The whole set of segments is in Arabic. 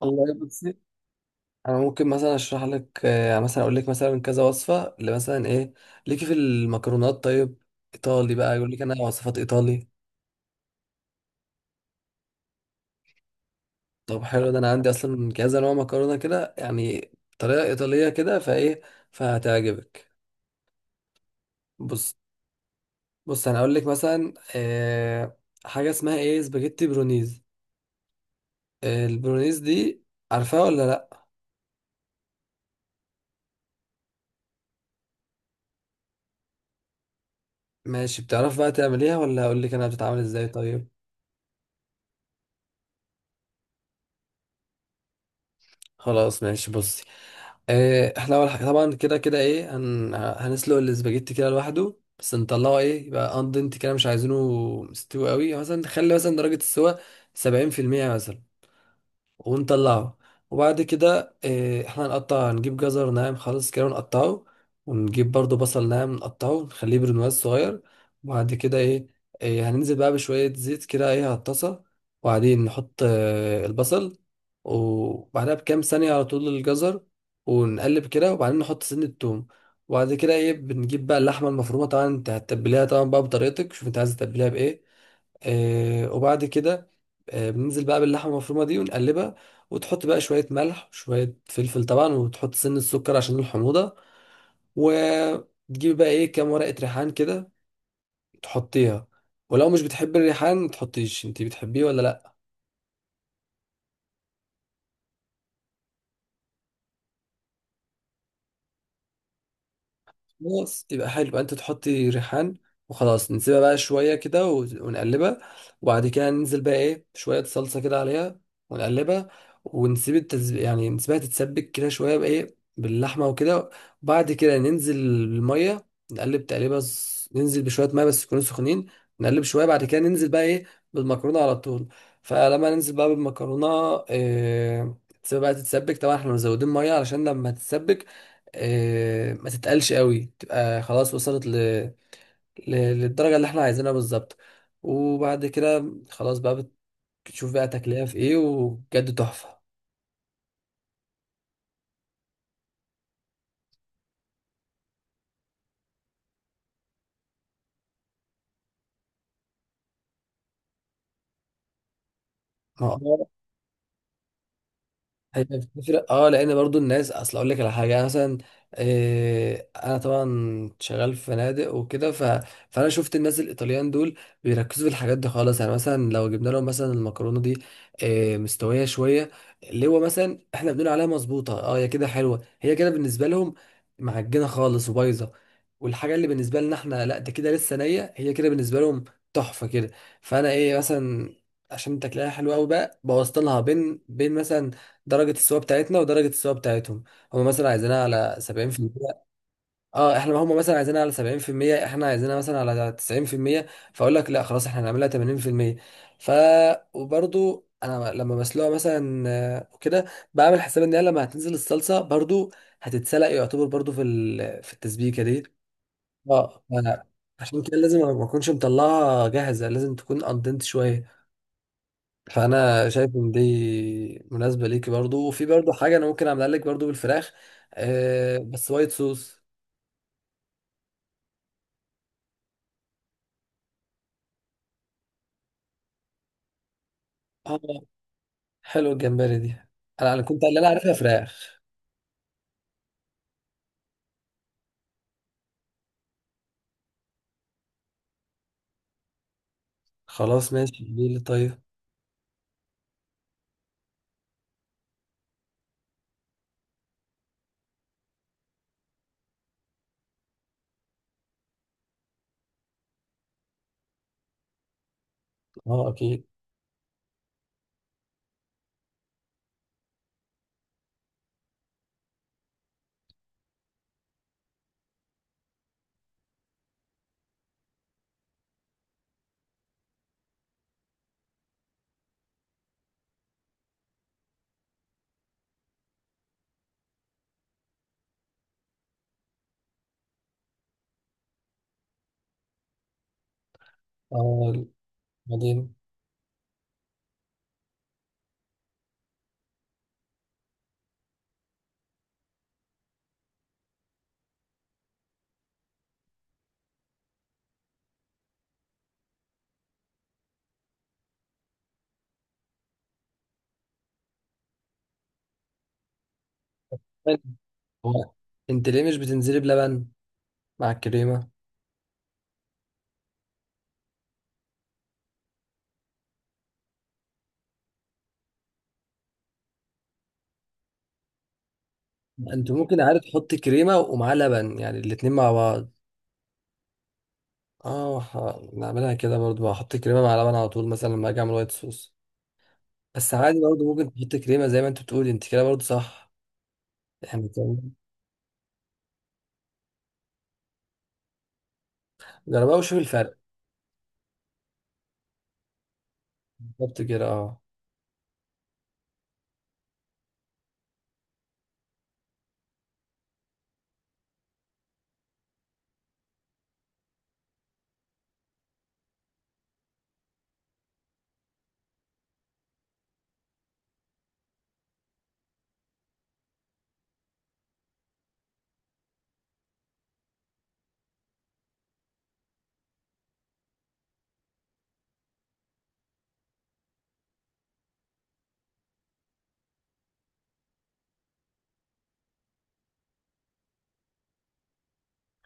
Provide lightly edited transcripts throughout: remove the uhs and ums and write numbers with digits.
والله بصي. انا ممكن مثلا اشرح لك مثلا اقول لك مثلا كذا وصفه اللي مثلا ايه ليكي في المكرونات. طيب، ايطالي بقى يقول لك انا وصفات ايطالي. طب حلو، ده انا عندي اصلا كذا نوع مكرونه كده، يعني طريقه ايطاليه كده فايه، فهتعجبك. بص بص انا اقول لك مثلا حاجه اسمها ايه سباجيتي برونيز. البرونيز دي عارفاها ولا لا؟ ماشي، بتعرف بقى تعمليها ولا اقول لك انا بتتعمل ازاي؟ طيب، خلاص ماشي بصي. إيه، احنا اول حاجه طبعا كده كده ايه هنسلق الاسباجيتي كده لوحده، بس نطلعه ايه يبقى اندنت كده، مش عايزينه مستوي قوي. مثلا نخلي مثلا درجه السوا 70% مثلا ونطلعه. وبعد كده احنا هنقطع، نجيب جزر ناعم خالص كده ونقطعه، ونجيب برضو بصل ناعم نقطعه نخليه برنواز صغير. وبعد كده ايه، هننزل بقى بشوية زيت كده ايه على الطاسة، وبعدين نحط البصل، وبعدها بكام ثانية على طول الجزر، ونقلب كده وبعدين نحط سن التوم. وبعد كده ايه بنجيب بقى اللحمة المفرومة، طبعا انت هتتبليها طبعا بقى بطريقتك، شوف انت عايز تتبليها بايه. وبعد كده بننزل بقى باللحمة المفرومة دي ونقلبها، وتحط بقى شوية ملح وشوية فلفل طبعا، وتحط سن السكر عشان الحموضة، وتجيب بقى ايه كام ورقة ريحان كده تحطيها. ولو مش بتحب الريحان متحطيش، انتي بتحبيه ولا لا؟ خلاص، يبقى حلو، يبقى انت تحطي ريحان. وخلاص نسيبها بقى شويه كده ونقلبها. وبعد كده ننزل بقى ايه شويه صلصه كده عليها ونقلبها، ونسيب يعني نسيبها تتسبك كده شويه بايه باللحمه وكده. وبعد كده ننزل الميه نقلب تقليبه ننزل بشويه ميه بس يكونوا سخنين، نقلب شويه، بعد كده ننزل بقى ايه بالمكرونه على طول. فلما ننزل بقى بالمكرونه إيه... تسيبها بقى تتسبك، طبعا احنا مزودين ميه علشان لما تتسبك ما تتقلش قوي، تبقى خلاص وصلت للدرجة اللي احنا عايزينها بالظبط. وبعد كده خلاص بقى بتشوف بقى تاكلها في ايه، وبجد تحفة. هيبقى بتفرق اه، لان برضو الناس، اصل اقول لك على حاجه. أنا مثلا انا طبعا شغال في فنادق وكده، فانا شفت الناس الايطاليان دول بيركزوا في الحاجات دي خالص. يعني مثلا لو جبنا لهم مثلا المكرونه دي مستويه شويه، اللي هو مثلا احنا بنقول عليها مظبوطه، اه هي كده حلوه، هي كده بالنسبه لهم معجنه خالص وبايظه. والحاجه اللي بالنسبه لنا احنا لا ده كده لسه نيه، هي كده بالنسبه لهم تحفه كده. فانا ايه مثلا عشان تاكلها حلوه قوي بقى، بوظت لها بين بين مثلا، درجة السوا بتاعتنا ودرجة السوا بتاعتهم. هم مثلا عايزينها على 70%. اه، احنا هم مثلا عايزينها على 70%، احنا عايزينها مثلا على 90%، فاقول لك لا خلاص، احنا هنعملها 80%. ف وبرضو انا لما بسلقها مثلا وكده، بعمل حساب ان هي لما هتنزل الصلصة برضو هتتسلق يعتبر برضو في في التسبيكة دي. اه عشان كده لازم ما اكونش مطلعها جاهزة، لازم تكون اندنت شوية. فانا شايف ان دي مناسبه ليكي برضو. وفي برضو حاجه انا ممكن اعملها لك برضو بالفراخ، بس وايت صوص. اه، حلو الجمبري دي. انا كنت اللي انا عارفها فراخ. خلاص ماشي، ليه طيب. اه اكيد. اه بعدين، هو انت ليه مش بتنزلي بلبن مع الكريمه؟ انت ممكن عارف تحطي كريمه ومعاه لبن، يعني الاتنين مع بعض. اه، نعملها كده برضو، هحط كريمه مع لبن على طول مثلا لما اجي اعمل وايت صوص. بس عادي برضه ممكن تحط كريمه زي ما انت بتقولي، انت كده برضه صح، يعني تمام. جربها وشوف الفرق. بالظبط كده اه.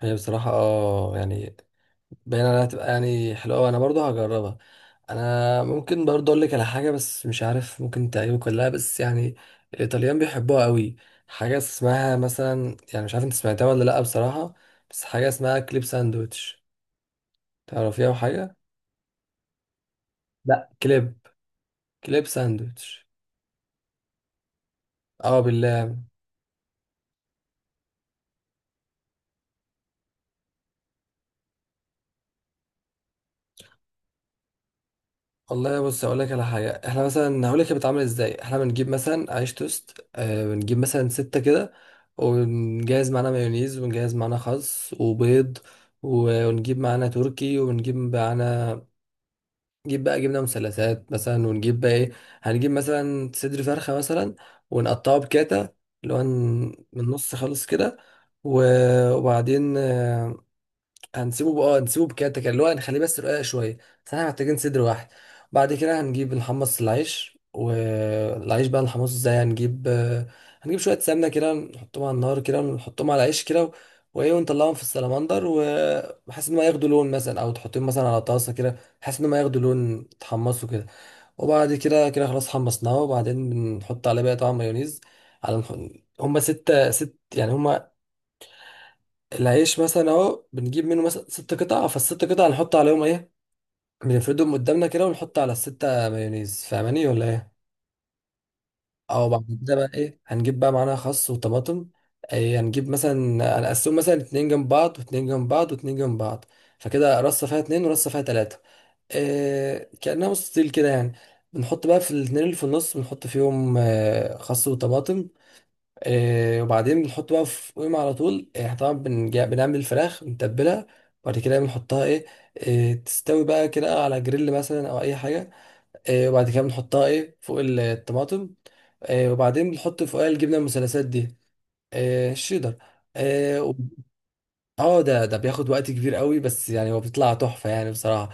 هي بصراحه اه يعني باين عليها هتبقى يعني حلوه، وانا برضه هجربها. انا ممكن برضه اقول لك على حاجه بس مش عارف ممكن تعجبك ولا لا، بس يعني الايطاليان بيحبوها قوي. حاجه اسمها مثلا، يعني مش عارف انت سمعتها ولا لا بصراحه، بس حاجه اسمها كليب ساندويتش. تعرفيها وحاجه؟ لا كليب، كليب ساندويتش. اه بالله. والله بص، اقول لك على حاجه. احنا مثلا هقول لك هي بتتعمل ازاي. احنا بنجيب مثلا عيش توست، بنجيب مثلا ستة كده، ونجهز معانا مايونيز، ونجهز معانا خس وبيض، ونجيب معانا تركي، ونجيب معانا نجيب بقى جبنه مثلثات مثلا، ونجيب بقى ايه، هنجيب مثلا صدر فرخه مثلا، ونقطعه بكاتا، اللي هو من النص خالص كده. وبعدين هنسيبه بقى، نسيبه بكده كده، اللي هو هنخليه بس رقيق شويه، بس احنا محتاجين صدر واحد. بعد كده هنجيب نحمص العيش. والعيش بقى نحمصه ازاي؟ هنجيب شويه سمنه كده، نحطهم على النار كده ونحطهم على العيش كده، وايه ونطلعهم في السلمندر، وبحيث ان ما ياخدوا لون، مثلا او تحطهم مثلا على طاسه كده بحيث ان ما ياخدوا لون، تحمصوا كده. وبعد كده كده خلاص حمصناه، وبعدين بنحط عليه بقى طبعا مايونيز، على هما ستة ست يعني، هما العيش مثلا اهو بنجيب منه مثلا ست قطع، فالست قطع نحط عليهم ايه، بنفردهم قدامنا كده ونحط على الستة مايونيز، فاهماني ولا ايه؟ او بعد كده بقى ايه هنجيب بقى معانا خس وطماطم. ايه هنجيب مثلا، هنقسمهم مثلا اتنين جنب بعض، واتنين جنب بعض، واتنين جنب بعض، فكده رصة فيها اتنين ورصة فيها تلاتة، إيه كأنها مستطيل كده يعني. بنحط بقى في الاتنين اللي في النص بنحط فيهم اه، خس وطماطم. وبعدين بنحط بقى في قيمة على طول، احنا طبعا بنعمل الفراخ بنتبلها، وبعد كده بنحطها ايه، تستوي بقى كده على جريل مثلا او اي حاجة. وبعد كده بنحطها ايه فوق الطماطم. وبعدين بنحط فوقها الجبنة المثلثات دي، الشيدر. اه ده بياخد وقت كبير قوي، بس يعني هو بيطلع تحفة يعني بصراحة.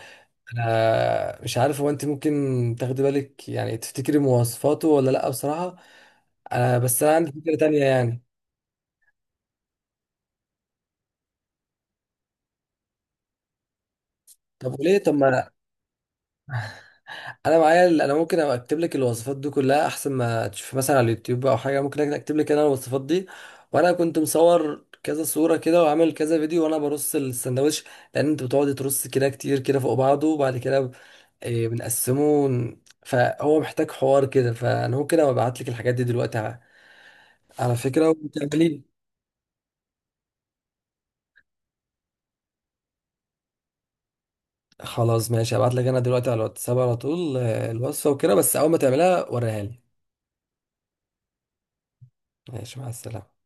انا مش عارف هو انت ممكن تاخدي بالك يعني تفتكري مواصفاته ولا لا بصراحة. انا بس انا عندي فكرة تانية يعني. طب وليه، طب ما انا معايا انا ممكن اكتب لك الوصفات دي كلها احسن ما تشوف مثلا على اليوتيوب او حاجه، ممكن اكتب لك انا الوصفات دي. وانا كنت مصور كذا صوره كده، وعامل كذا فيديو وانا برص السندوتش، لان انت بتقعد ترص كده كتير كده فوق بعضه، وبعد كده إيه، بنقسمه فهو محتاج حوار كده. فانا ممكن ابعت لك الحاجات دي دلوقتي على فكره وتعملي. خلاص ماشي، هبعت لك انا دلوقتي على الواتساب على طول الوصفه وكده، بس اول ما تعملها وريها لي. ماشي، مع السلامه.